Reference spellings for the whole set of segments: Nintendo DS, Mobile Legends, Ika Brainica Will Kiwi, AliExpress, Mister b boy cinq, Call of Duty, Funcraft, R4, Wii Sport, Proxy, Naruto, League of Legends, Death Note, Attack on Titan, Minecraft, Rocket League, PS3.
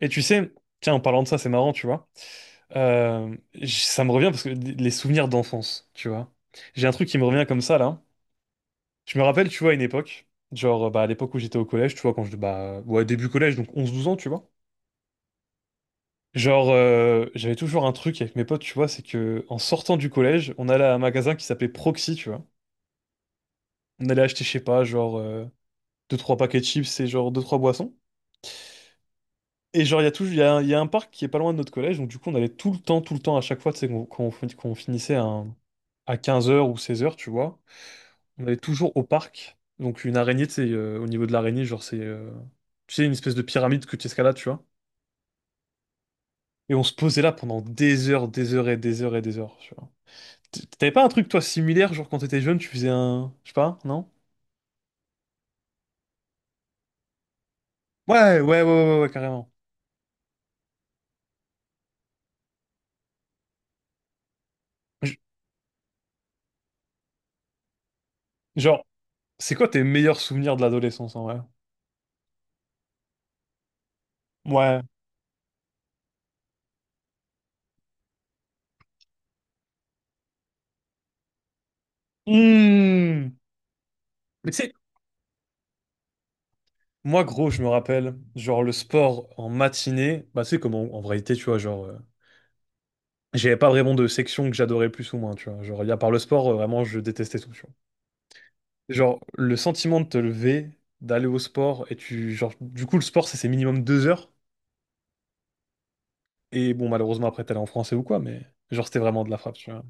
Et tu sais, tiens, en parlant de ça, c'est marrant, tu vois. Ça me revient parce que les souvenirs d'enfance, tu vois. J'ai un truc qui me revient comme ça, là. Je me rappelle, tu vois, à une époque, à l'époque où j'étais au collège, tu vois, quand je, bah, ouais, début collège, donc 11 12 ans, tu vois. J'avais toujours un truc avec mes potes, tu vois, c'est que en sortant du collège, on allait à un magasin qui s'appelait Proxy, tu vois. On allait acheter, je sais pas, deux trois paquets de chips et genre deux trois boissons. Et genre, il y a un parc qui est pas loin de notre collège, donc du coup, on allait tout le temps, à chaque fois, tu sais, quand on, quand on finissait à 15 heures ou 16 heures, tu vois, on allait toujours au parc. Donc, une araignée, tu sais, au niveau de l'araignée, tu sais, une espèce de pyramide que tu escalades, tu vois. Et on se posait là pendant des heures et des heures et des heures, tu vois. T'avais pas un truc, toi, similaire, genre, quand t'étais jeune, tu faisais un, je sais pas, non? Ouais, ouais, ouais, ouais, ouais, carrément. J- Genre, c'est quoi tes meilleurs souvenirs de l'adolescence, en vrai? Ouais. Mmh. Mais tu sais, moi, gros, je me rappelle, genre le sport en matinée, bah c'est comme en, en réalité, tu vois, j'avais pas vraiment de section que j'adorais plus ou moins, tu vois. Genre, y a par le sport, vraiment, je détestais tout, tu vois. Genre, le sentiment de te lever, d'aller au sport, et tu, genre, du coup, le sport, c'est minimum 2 heures. Et bon, malheureusement, après, t'allais en français ou quoi, mais genre, c'était vraiment de la frappe, tu vois.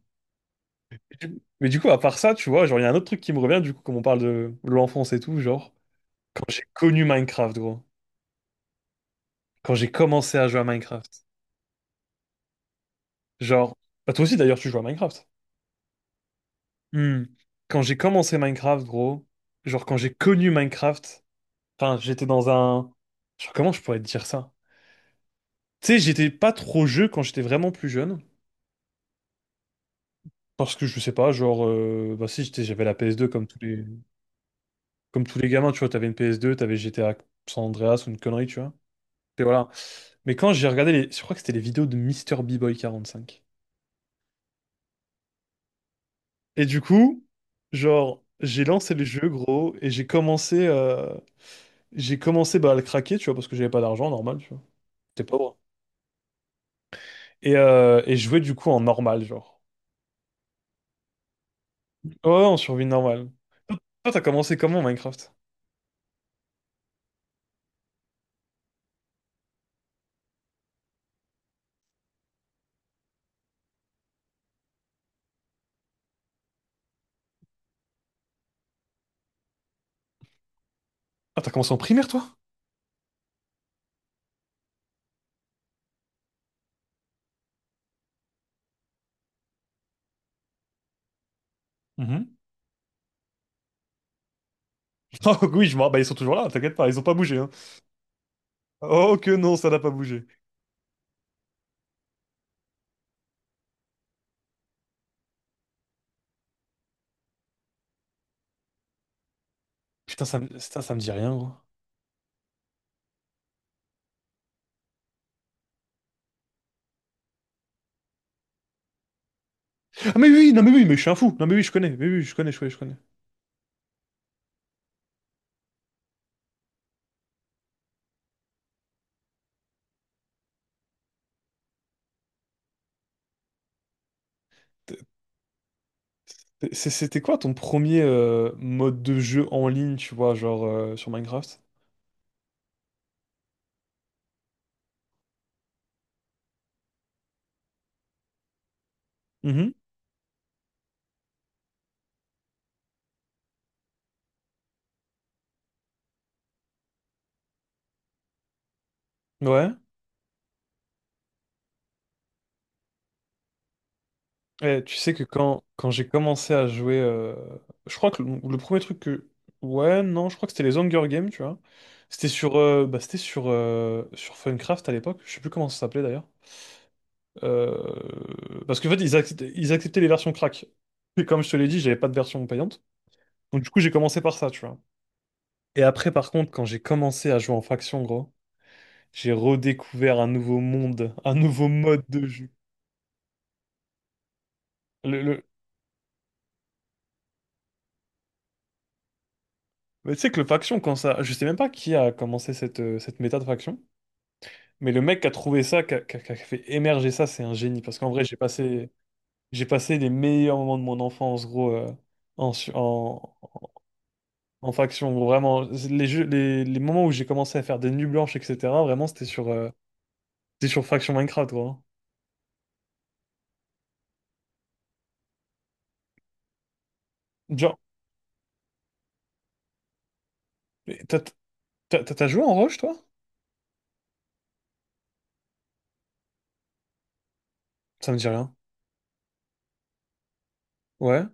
Mais du coup, à part ça, tu vois, genre, il y a un autre truc qui me revient, du coup, comme on parle de l'enfance et tout, genre, quand j'ai connu Minecraft, gros, quand j'ai commencé à jouer à Minecraft, genre, bah, toi aussi, d'ailleurs, tu joues à Minecraft. Hmm. Quand j'ai commencé Minecraft, gros, genre quand j'ai connu Minecraft, enfin j'étais dans un... Genre comment je pourrais te dire ça? Tu sais, j'étais pas trop jeu quand j'étais vraiment plus jeune. Parce que je sais pas, bah si, j'avais la PS2 comme tous les gamins, tu vois, t'avais une PS2, t'avais GTA San Andreas ou une connerie, tu vois. Et voilà. Mais quand j'ai regardé les... Je crois que c'était les vidéos de Mister b boy cinq. Et du coup, genre, j'ai lancé le jeu, gros, j'ai commencé bah, à le craquer, tu vois, parce que j'avais pas d'argent, normal. C'est pas bon. Et jouer du coup en normal, genre. Ouais, ouais, en survie normale. Toi, toi, t'as commencé comment Minecraft? Ah, t'as commencé en primaire, toi? Mhm. Oh oui, je me rappelle, bah, ils sont toujours là, t'inquiète pas, ils ont pas bougé, hein. Oh que non, ça n'a pas bougé. Putain, ça me dit rien, gros. Ah mais oui, non mais oui, mais je suis un fou. Non mais oui, je connais, mais oui, je connais. T'es- C'était quoi ton premier mode de jeu en ligne, tu vois, genre sur Minecraft? Mhm. Ouais. Eh, tu sais que quand j'ai commencé à jouer, je crois que le premier truc que... Ouais, non, je crois que c'était les Hunger Games, tu vois. C'était sur, bah, c'était sur, sur Funcraft à l'époque, je sais plus comment ça s'appelait d'ailleurs. Parce qu'en fait, ils acceptaient les versions crack. Et comme je te l'ai dit, j'avais pas de version payante. Donc du coup, j'ai commencé par ça, tu vois. Et après, par contre, quand j'ai commencé à jouer en faction, gros, j'ai redécouvert un nouveau monde, un nouveau mode de jeu. Le, le- Mais tu sais que le faction, quand ça. Je sais même pas qui a commencé cette, cette méta de faction, mais le mec qui a trouvé ça, qui a fait émerger ça, c'est un génie. Parce qu'en vrai, j'ai passé les meilleurs moments de mon enfance, gros, en, su- en, en faction, gros. Vraiment, les jeux, les moments où j'ai commencé à faire des nuits blanches, etc., vraiment, c'était sur faction Minecraft, gros, hein. Genre, mais t'as joué en Rush, toi? Ça me dit rien. Ouais.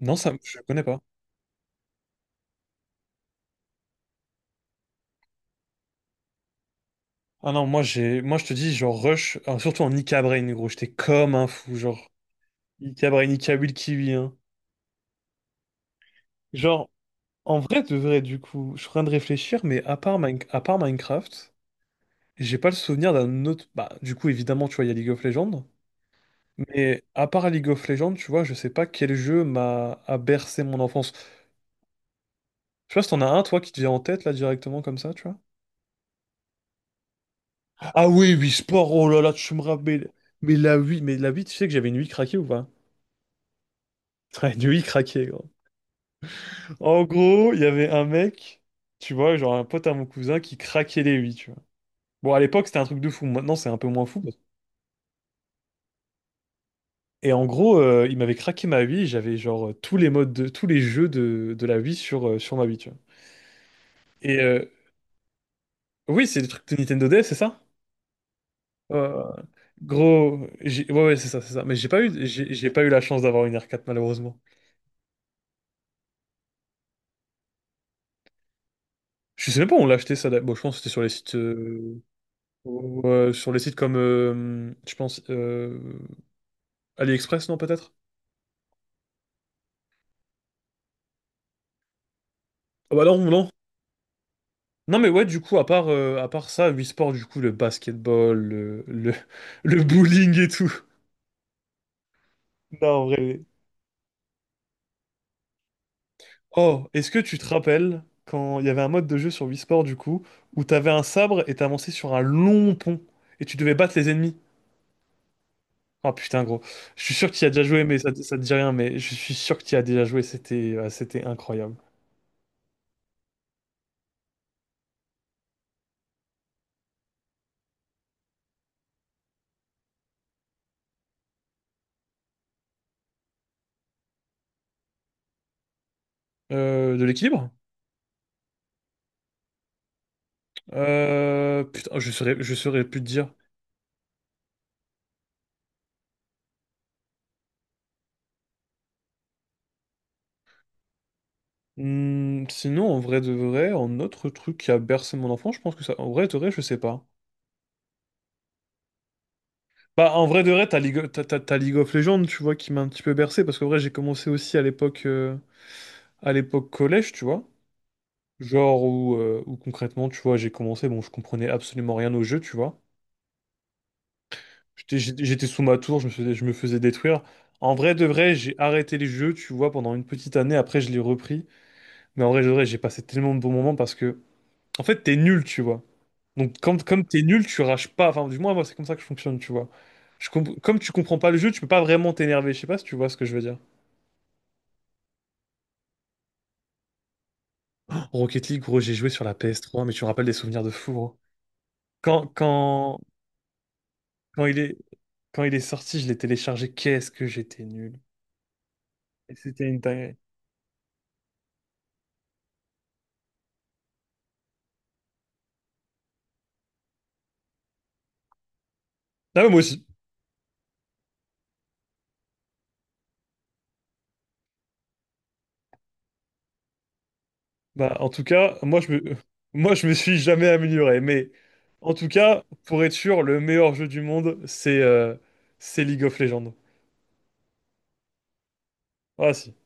Non, ça, je connais pas. Ah non, moi j'ai, moi je te dis, genre Rush, surtout en Ika Brain, gros, j'étais comme un fou, genre. Ika Brainica Will Kiwi, hein. Genre, en vrai, de vrai, du coup, je suis en train de réfléchir, mais à part, à part Minecraft, j'ai pas le souvenir d'un autre. Bah, du coup, évidemment, tu vois, il y a League of Legends. Mais à part League of Legends, tu vois, je sais pas quel jeu m'a a bercé mon enfance. Je sais pas si t'en as un, toi, qui te vient en tête, là, directement, comme ça, tu vois. Ah oui, Wii Sport, oh là là, tu me rappelles. Mais la Wii, tu sais que j'avais une Wii craquée ou pas? Ouais, une Wii craquée, gros. En gros, il y avait un mec, tu vois, genre un pote à mon cousin qui craquait les Wii, tu vois. Bon, à l'époque, c'était un truc de fou. Maintenant, c'est un peu moins fou. Et en gros, il m'avait craqué ma Wii. J'avais genre tous les modes de tous les jeux de la Wii sur, sur ma Wii, tu vois. Et oui, c'est des trucs de Nintendo DS, c'est ça? Euh, gros, ouais, ouais, c'est ça, c'est ça. Mais j'ai pas eu, j'ai pas eu la chance d'avoir une R4 malheureusement. Je sais même pas où on l'a acheté ça. Bon, je pense que c'était sur les sites comme, je pense, AliExpress, non peut-être? Ah bah non, non, non mais ouais du coup à part ça Wii Sport du coup le basketball le bowling et tout. Non en vrai. Oh est-ce que tu te rappelles quand il y avait un mode de jeu sur Wii Sport du coup où t'avais un sabre et t'avançais sur un long pont et tu devais battre les ennemis. Oh putain gros, je suis sûr que tu y as déjà joué mais ça te dit rien, mais je suis sûr que tu y as déjà joué, c'était c'était incroyable. De l'équilibre? Putain je saurais plus te dire. Hmm, sinon, en vrai de vrai, en autre truc qui a bercé mon enfant, je pense que ça. En vrai de vrai, je sais pas. Bah, en vrai de vrai, t'as League of Legends, tu vois, qui m'a un petit peu bercé, parce qu'en vrai, j'ai commencé aussi à l'époque collège, tu vois. Où concrètement, tu vois, j'ai commencé, bon, je comprenais absolument rien au jeu, tu vois. J'étais sous ma tour, je me faisais détruire. En vrai de vrai, j'ai arrêté les jeux, tu vois, pendant une petite année, après, je l'ai repris. Mais en vrai de vrai, j'ai passé tellement de bons moments parce que, en fait, t'es nul, tu vois. Donc, comme t'es nul, tu rages pas. Enfin, du moins, moi, c'est comme ça que je fonctionne, tu vois. Comme tu comprends pas le jeu, tu peux pas vraiment t'énerver. Je sais pas si tu vois ce que je veux dire. Rocket League, gros, j'ai joué sur la PS3, mais tu me rappelles des souvenirs de fou, gros. Quand, quand, Quand il est, quand il est sorti, je l'ai téléchargé. Qu'est-ce que j'étais nul. Et c'était une dinguerie. Ah, mais moi aussi. Bah, en tout cas, moi, je me, moi, je me suis jamais amélioré. Mais en tout cas, pour être sûr, le meilleur jeu du monde, c'est League of Legends. Ah, si.